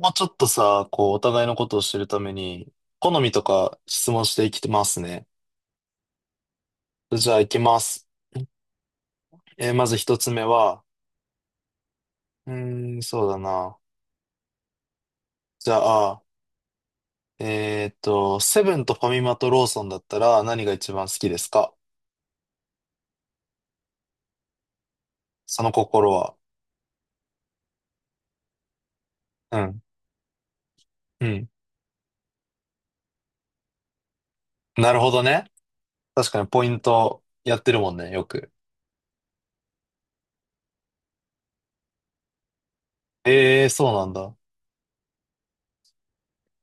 もうちょっとさ、こう、お互いのことを知るために、好みとか質問していきますね。じゃあ、いきます。まず一つ目は、うーん、そうだな。じゃあ、セブンとファミマとローソンだったら何が一番好きですか？その心は。うん、うん。なるほどね。確かにポイントやってるもんね、よく。えー、そうなんだ。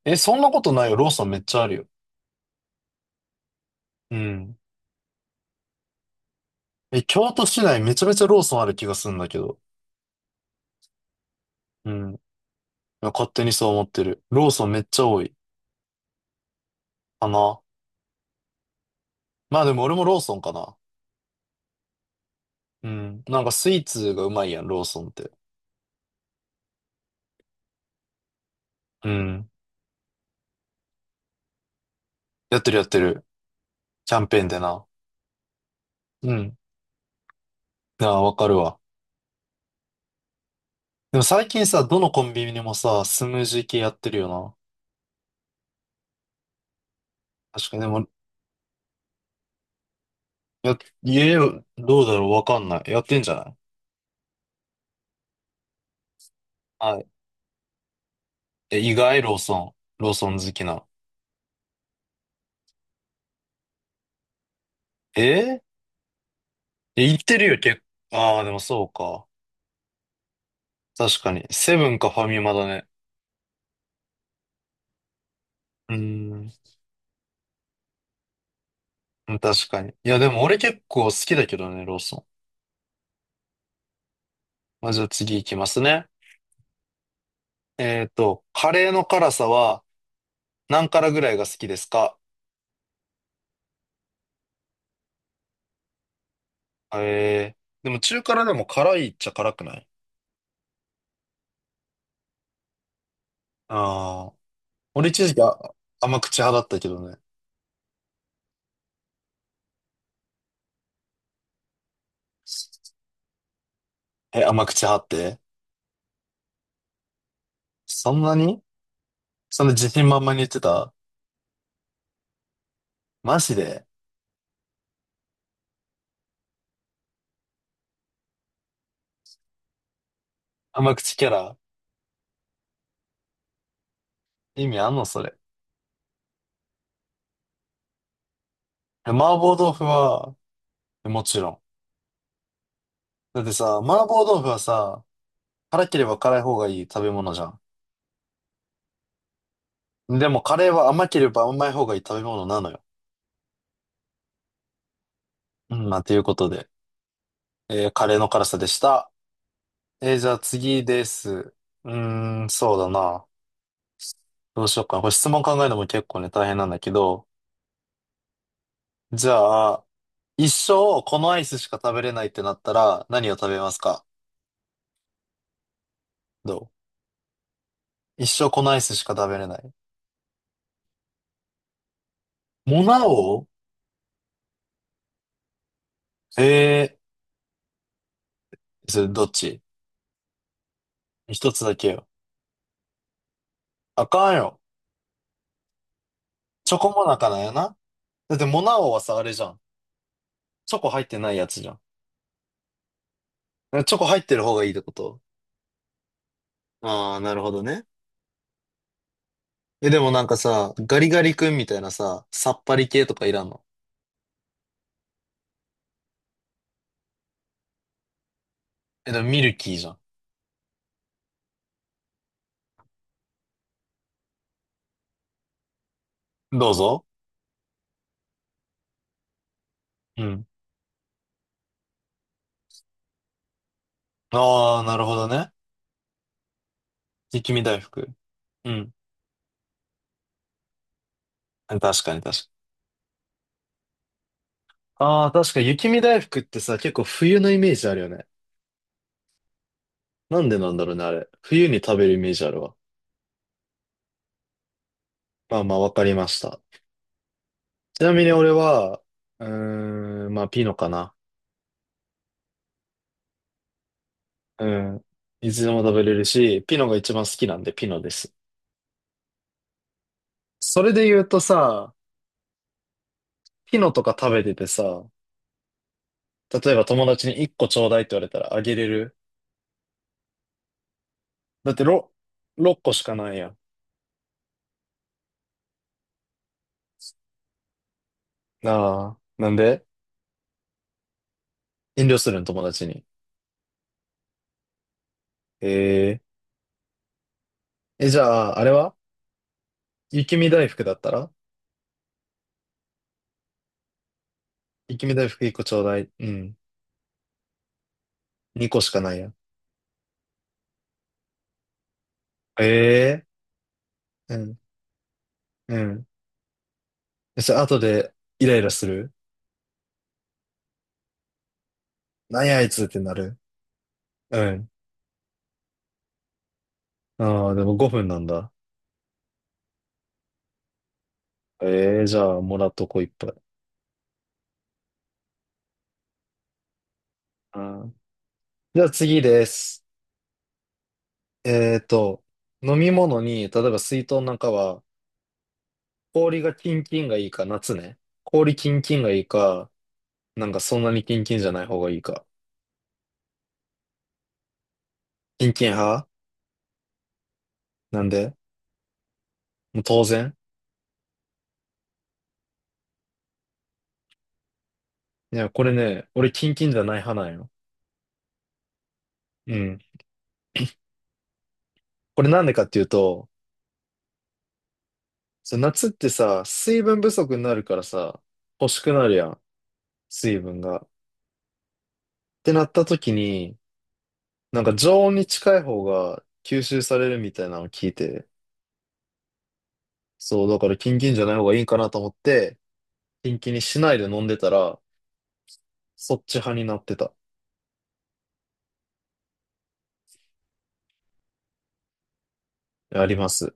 え、そんなことないよ。ローソンめっちゃあるよ。うん。え、京都市内めちゃめちゃローソンある気がするんだけど。うん。勝手にそう思ってる。ローソンめっちゃ多いかな。まあでも俺もローソンかな。うん。なんかスイーツがうまいやん、ローソンって。うん。やってるやってる。キャンペーンでな。うん。ああ、わかるわ。でも最近さ、どのコンビニにもさ、スムージー系やってるよな。確かに、でも、や、家、どうだろうわかんない。やってんじゃない？はい。え、意外、ローソン。ローソン好きな？ええ、言ってるよ、結構。ああ、でもそうか。確かに。セブンかファミマだね。うーん。うん確かに。いや、でも俺結構好きだけどね、ローソン。まあ、じゃあ次行きますね。カレーの辛さは何辛ぐらいが好きですか？えー、でも中辛でも辛いっちゃ辛くない？ああー、俺一時期甘口派だったけどね。え、甘口派ってそんなにそんな自信満々に言ってた？マジで？甘口キャラ？意味あんのそれ。え麻婆豆腐は、もちろん。だってさ、麻婆豆腐はさ、辛ければ辛い方がいい食べ物じゃん。でもカレーは甘ければ甘い方がいい食べ物なのよ。うん、まあ、ということで、カレーの辛さでした。じゃあ次です。うーん、そうだな。どうしようかな。これ質問考えるのも結構ね、大変なんだけど。じゃあ、一生このアイスしか食べれないってなったら何を食べますか？どう一生このアイスしか食べれない。モナオ？ええー、それどっち？一つだけよ。あかんよ。チョコモナカなんやな。だってモナオはさ、あれじゃん。チョコ入ってないやつじゃん。チョコ入ってる方がいいってこと？ああー、なるほどね。え、でもなんかさ、ガリガリ君みたいなさ、さっぱり系とかいらんの？え、でもミルキーじゃん。どうぞ。うん。ああ、なるほどね。雪見大福。うん。確かに確かに。ああ、確かに雪見大福ってさ、結構冬のイメージあるよね。なんでなんだろうね、あれ。冬に食べるイメージあるわ。まあまあ、わかりました。ちなみに俺は、うーん、まあ、ピノかな。うん。いつでも食べれるし、ピノが一番好きなんで、ピノです。それで言うとさ、ピノとか食べててさ、例えば友達に1個ちょうだいって言われたらあげれる？だって6個しかないやん。ああ、なんで？遠慮するん友達に。えー、え、じゃあ、あれは雪見大福だったら雪見大福1個ちょうだい。うん。2個しかないやん。ええー、うん、うん。そしたら後でイライラする？なんやあいつってなる？うん。ああ、でも5分なんだ。ええー、じゃあ、もらっとこういっぱい。うん。じゃあ次です。えーと、飲み物に、例えば水筒なんかは、氷がキンキンがいいか、夏ね。氷キンキンがいいか、なんかそんなにキンキンじゃない方がいいか。キンキン派？なんで？もう当然。いや、これね、俺キンキンじゃない派なんよ。うん。これなんでかっていうと、そう夏ってさ、水分不足になるからさ、欲しくなるやん。水分が。ってなった時に、なんか常温に近い方が吸収されるみたいなのを聞いて、そう、だからキンキンじゃない方がいいかなと思って、キンキンにしないで飲んでたら、そっち派になってた。あります。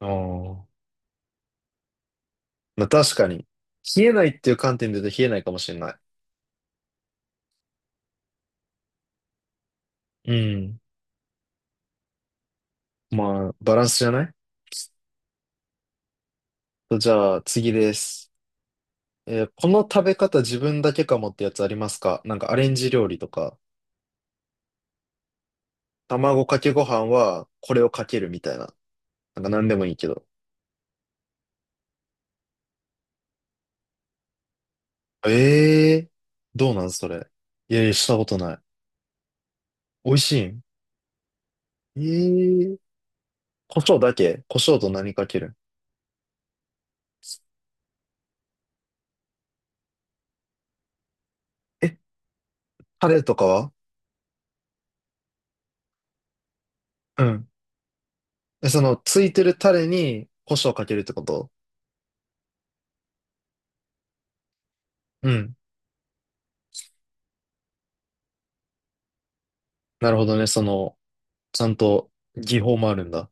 ああ。まあ確かに。冷えないっていう観点で言うと冷えないかもしれない。うん。まあ、バランスじゃない？じゃあ、次です。この食べ方自分だけかもってやつありますか？なんかアレンジ料理とか、卵かけご飯はこれをかけるみたいな。なんか何でもいいけど。ええー、どうなんそれ。いやいや、したことない。美味しいん？ええー、胡椒だけ？胡椒と何かける？えタレとかは？うん。その、ついてるタレに胡椒をかけるってこと？うん。なるほどね。その、ちゃんと技法もあるんだ。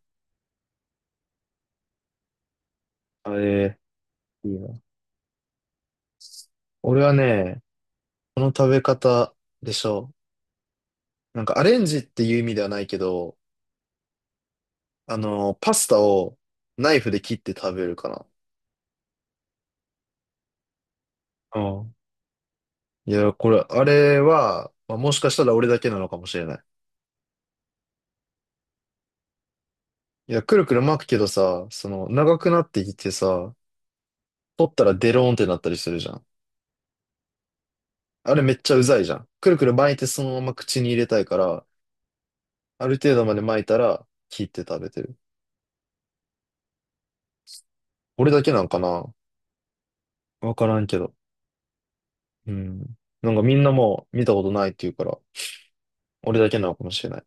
あえいいな。俺はね、この食べ方でしょ？なんかアレンジっていう意味ではないけど、パスタをナイフで切って食べるかな。ああ。いや、あれは、まあ、もしかしたら俺だけなのかもしれない。いや、くるくる巻くけどさ、その、長くなってきてさ、取ったらデローンってなったりするじゃん。あれめっちゃうざいじゃん。くるくる巻いてそのまま口に入れたいから、ある程度まで巻いたら、切って食べてる。俺だけなんかな？わからんけど。うん。なんかみんなもう見たことないって言うから、俺だけなのかもしれない。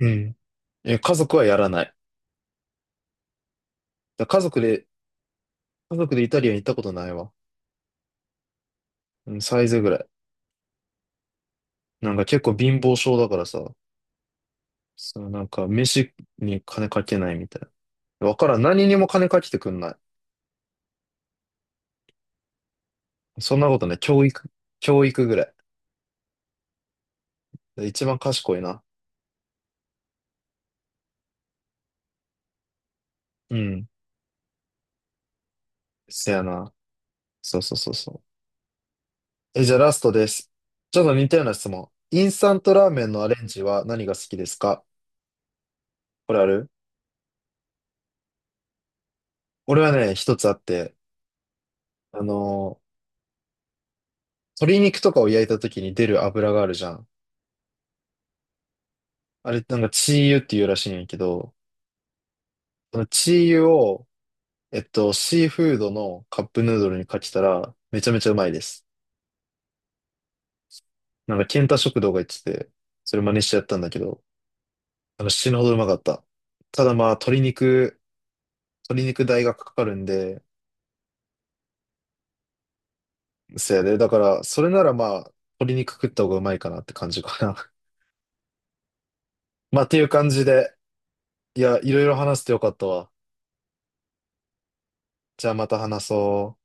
うん。え、家族はやらない。だ家族で、家族でイタリアン行ったことないわ。うん、サイズぐらい。なんか結構貧乏症だからさ、そのなんか飯に金かけないみたいな。わからん。何にも金かけてくんない。そんなことね、教育ぐらい。一番賢いな。うん。せやな。そうそうそうそう。え、じゃあラストです。ちょっと似たような質問。インスタントラーメンのアレンジは何が好きですか？これある？俺はね、一つあって、あのー鶏肉とかを焼いた時に出る油があるじゃん。あれ、なんかチー油っていうらしいんやけど、そのチー油を、シーフードのカップヌードルにかけたら、めちゃめちゃうまいです。なんか、ケンタ食堂が言ってて、それ真似してやったんだけど、死ぬほどうまかった。ただまあ、鶏肉代がかかるんで、せいで、だから、それならまあ、鶏肉食った方がうまいかなって感じかな。まあ、っていう感じで、いや、いろいろ話してよかったわ。じゃあまた話そう。